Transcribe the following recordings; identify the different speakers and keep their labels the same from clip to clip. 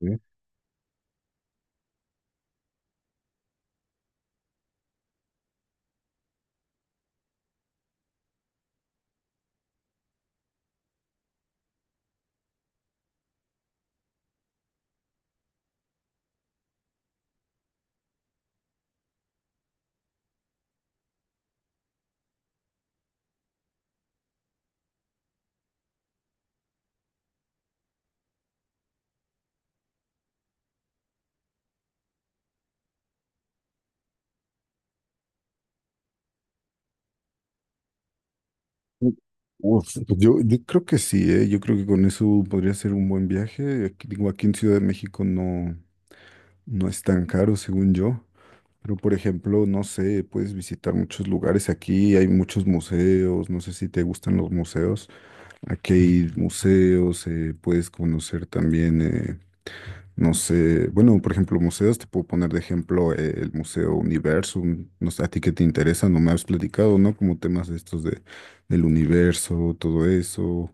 Speaker 1: ¿Eh? U- Uf, pues yo creo que sí, ¿eh? Yo creo que con eso podría ser un buen viaje. Aquí, digo, aquí en Ciudad de México no, no es tan caro, según yo. Pero, por ejemplo, no sé, puedes visitar muchos lugares aquí, hay muchos museos, no sé si te gustan los museos. Aquí hay museos, puedes conocer también no sé, bueno, por ejemplo, museos, te puedo poner de ejemplo el Museo Universum, no sé, a ti qué te interesa, no me has platicado, ¿no? Como temas de estos de, del universo, todo eso,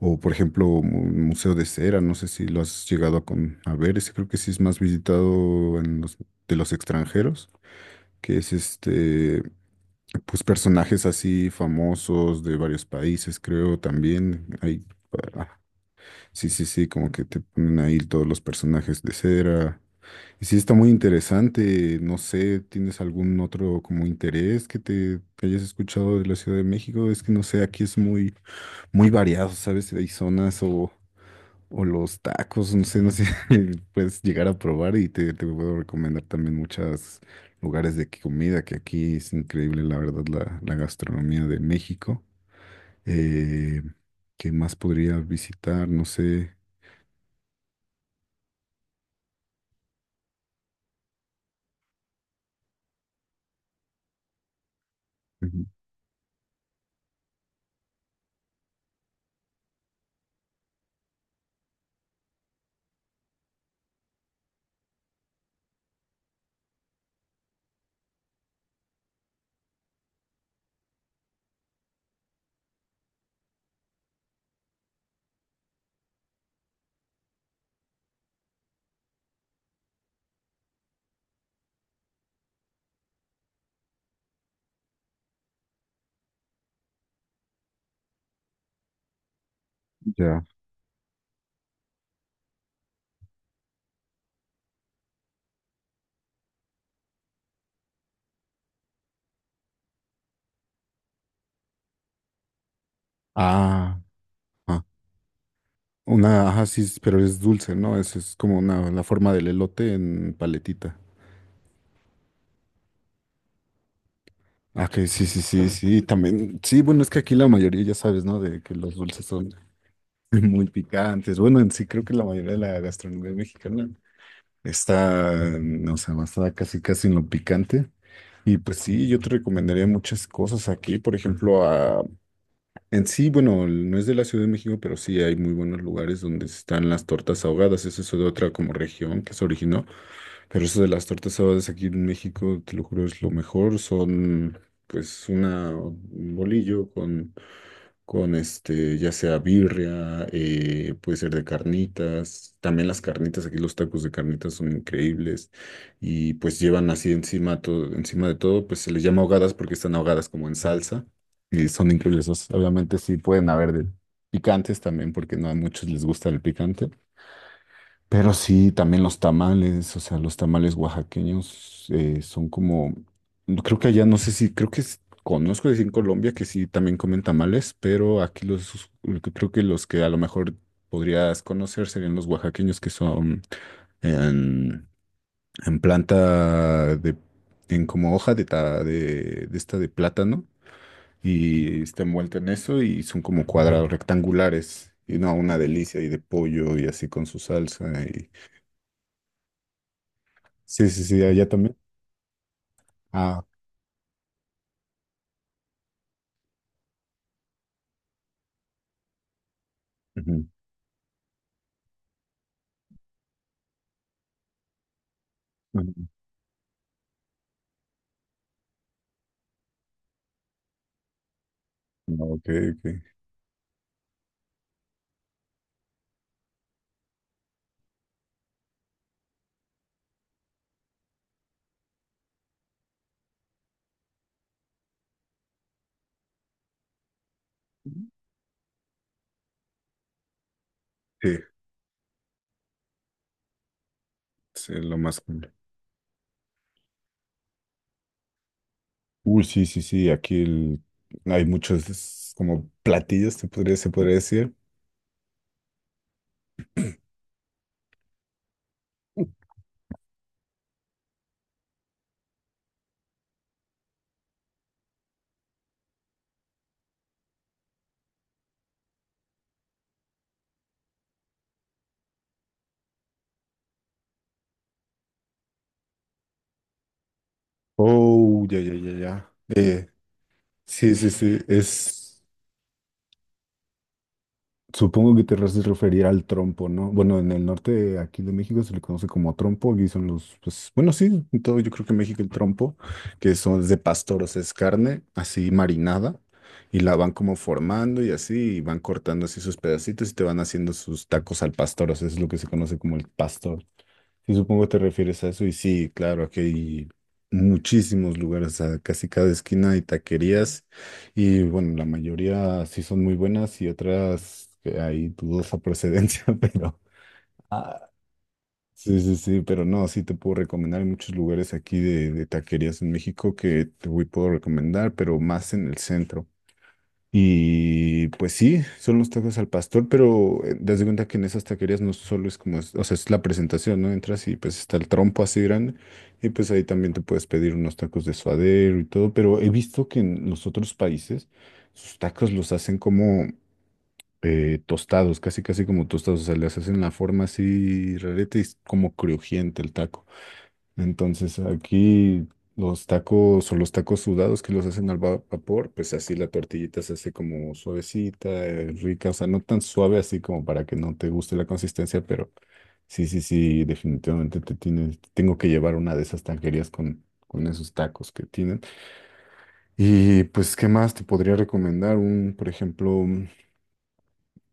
Speaker 1: o por ejemplo, Museo de Cera, no sé si lo has llegado a, con, a ver, ese creo que sí es más visitado en los, de los extranjeros, que es este, pues personajes así famosos de varios países, creo también, hay, ah, sí, sí, sí, como que te ponen ahí todos los personajes de cera y sí, está muy interesante. No sé, ¿tienes algún otro como interés que te que hayas escuchado de la Ciudad de México? Es que no sé, aquí es muy, muy variado, ¿sabes? Hay zonas o, los tacos, no sé, puedes llegar a probar y te puedo recomendar también muchos lugares de comida, que aquí es increíble, la verdad, la gastronomía de México. Eh, ¿qué más podría visitar? No sé. Ujú. Ya. Ah. Ah. Una, ajá, sí, pero es dulce, ¿no? Es como una, la forma del elote en paletita. Ah, que sí, sí, sí, sí, también. Sí, bueno, es que aquí la mayoría ya sabes, ¿no? De que los dulces son muy picantes. Bueno, en sí creo que la mayoría de la gastronomía mexicana está, o sea, basada casi casi en lo picante. Y pues sí, yo te recomendaría muchas cosas aquí, por ejemplo, en sí, bueno, no es de la Ciudad de México, pero sí hay muy buenos lugares donde están las tortas ahogadas. Eso es de otra como región que se originó. Pero eso de las tortas ahogadas aquí en México, te lo juro, es lo mejor. Son pues una, un bolillo con, este, ya sea birria, puede ser de carnitas. También las carnitas, aquí los tacos de carnitas son increíbles. Y pues llevan así encima, todo, encima de todo, pues se les llama ahogadas porque están ahogadas como en salsa. Y son increíbles, esos. Obviamente sí pueden haber de picantes también, porque no a muchos les gusta el picante. Pero sí, también los tamales, o sea, los tamales oaxaqueños son como, no, creo que allá, no sé si, creo que conozco decir en Colombia que sí también comen tamales, pero aquí los, creo que los que a lo mejor podrías conocer serían los oaxaqueños que son en, en planta de, en como hoja de, de esta de plátano y está envuelta en eso y son como cuadrados rectangulares. Y no, una delicia y de pollo y así con su salsa. Y... Sí, sí, sí, allá también. Ah, ujú, ujú. No, ok, ok. Sí, sí, lo más común. Uy, sí, sí, sí, aquí hay muchos es como platillos, se podría decir. Oh, ya, ya, ya, ya. Sí, sí, sí, es. Supongo que te haces referir al trompo, ¿no? Bueno, en el norte de aquí de México se le conoce como trompo, aquí son los, pues, bueno, sí, en todo yo creo que en México el trompo, que son de pastor, o sea, es carne así marinada, y la van como formando y así, y van cortando así sus pedacitos y te van haciendo sus tacos al pastor, o sea, es lo que se conoce como el pastor. Sí, supongo te refieres a eso y sí, claro, aquí hay muchísimos lugares, a casi cada esquina hay taquerías y bueno, la mayoría sí son muy buenas y otras que hay dudosa procedencia, pero. Ah, sí, sí, sí, pero no, sí te puedo recomendar hay muchos lugares aquí de, taquerías en México que puedo recomendar, pero más en el centro. Y pues sí, son los tacos al pastor, pero das de cuenta que en esas taquerías no solo es como, o sea, es la presentación, ¿no? Entras y pues está el trompo así grande y pues ahí también te puedes pedir unos tacos de suadero y todo, pero he visto que en los otros países sus tacos los hacen como tostados, casi casi como tostados, o sea, les hacen la forma así rareta y es como crujiente el taco. Entonces aquí los tacos o los tacos sudados que los hacen al vapor, pues así la tortillita se hace como suavecita, rica, o sea, no tan suave así como para que no te guste la consistencia, pero sí, sí, sí, definitivamente tengo que llevar una de esas taquerías con, esos tacos que tienen. Y pues, ¿qué más te podría recomendar? Por ejemplo,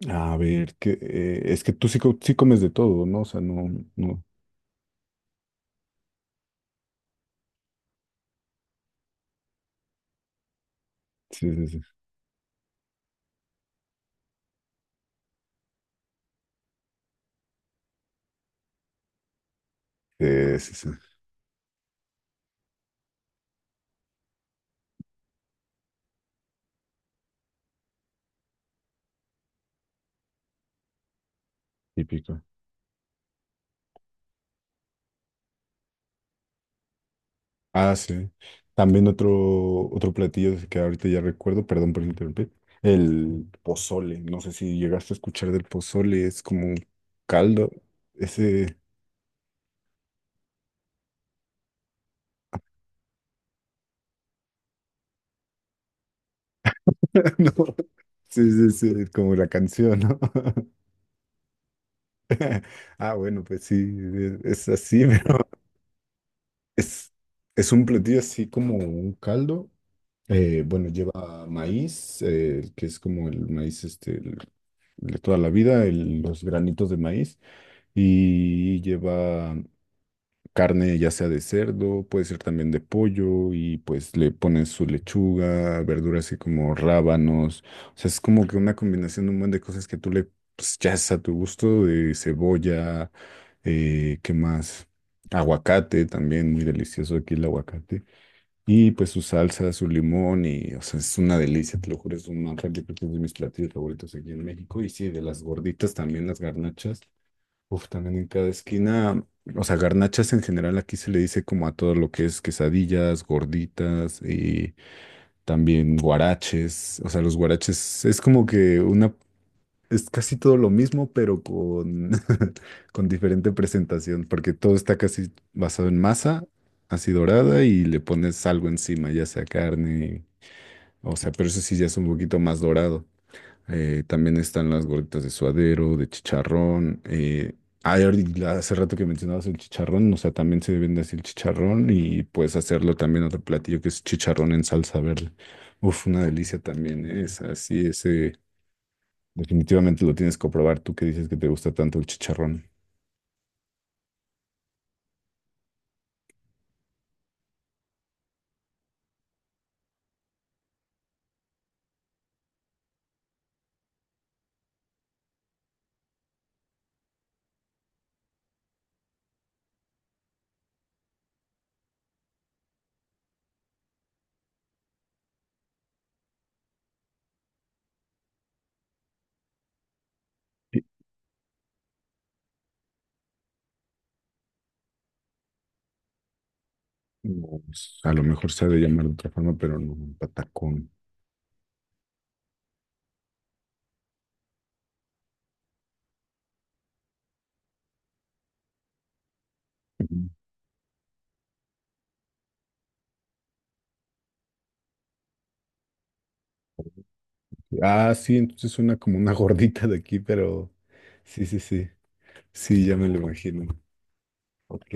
Speaker 1: a ver, que es que tú sí, sí comes de todo, ¿no? O sea, no, no, sí, sí, sí. Sí, sí, típico. Ah, sí. También otro platillo que ahorita ya recuerdo, perdón por interrumpir, el pozole. No sé si llegaste a escuchar del pozole, es como un caldo. Ese. No. Sí, sí, sí, es como la canción, ¿no? Ah, bueno, pues sí, es así, pero es, es un platillo así como un caldo. Bueno, lleva maíz, que es como el maíz este, de toda la vida, los granitos de maíz, y lleva carne ya sea de cerdo, puede ser también de pollo, y pues le ponen su lechuga, verduras así como rábanos, o sea, es como que una combinación de un montón de cosas que tú le pues, ya es a tu gusto, de cebolla, ¿qué más? Aguacate también, muy delicioso aquí el aguacate. Y pues su salsa, su limón y, o sea, es una delicia, te lo juro, es una realmente es de mis platillos favoritos aquí en México. Y sí, de las gorditas también, las garnachas. Uf, también en cada esquina, o sea, garnachas en general aquí se le dice como a todo lo que es quesadillas, gorditas y también guaraches. O sea, los guaraches es como que una es casi todo lo mismo, pero con, con diferente presentación, porque todo está casi basado en masa, así dorada, y le pones algo encima, ya sea carne, o sea, pero eso sí ya es un poquito más dorado. También están las gorditas de suadero, de chicharrón. Y hace rato que mencionabas el chicharrón, o sea, también se vende así el chicharrón y puedes hacerlo también otro platillo que es chicharrón en salsa verde. Uf, una delicia también, es así, ese. Definitivamente lo tienes que probar. Tú que dices que te gusta tanto el chicharrón. Sí. Pues, a lo mejor se ha de llamar de otra forma, pero no, un patacón. Ujú. Ah, sí, entonces suena como una gordita de aquí, pero sí, sí, sí. Sí, ya me lo imagino. Ok.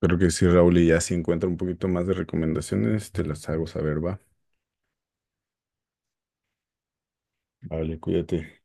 Speaker 1: Creo que sí, Raúl, y ya si encuentro un poquito más de recomendaciones, te las hago saber, va. Vale, cuídate.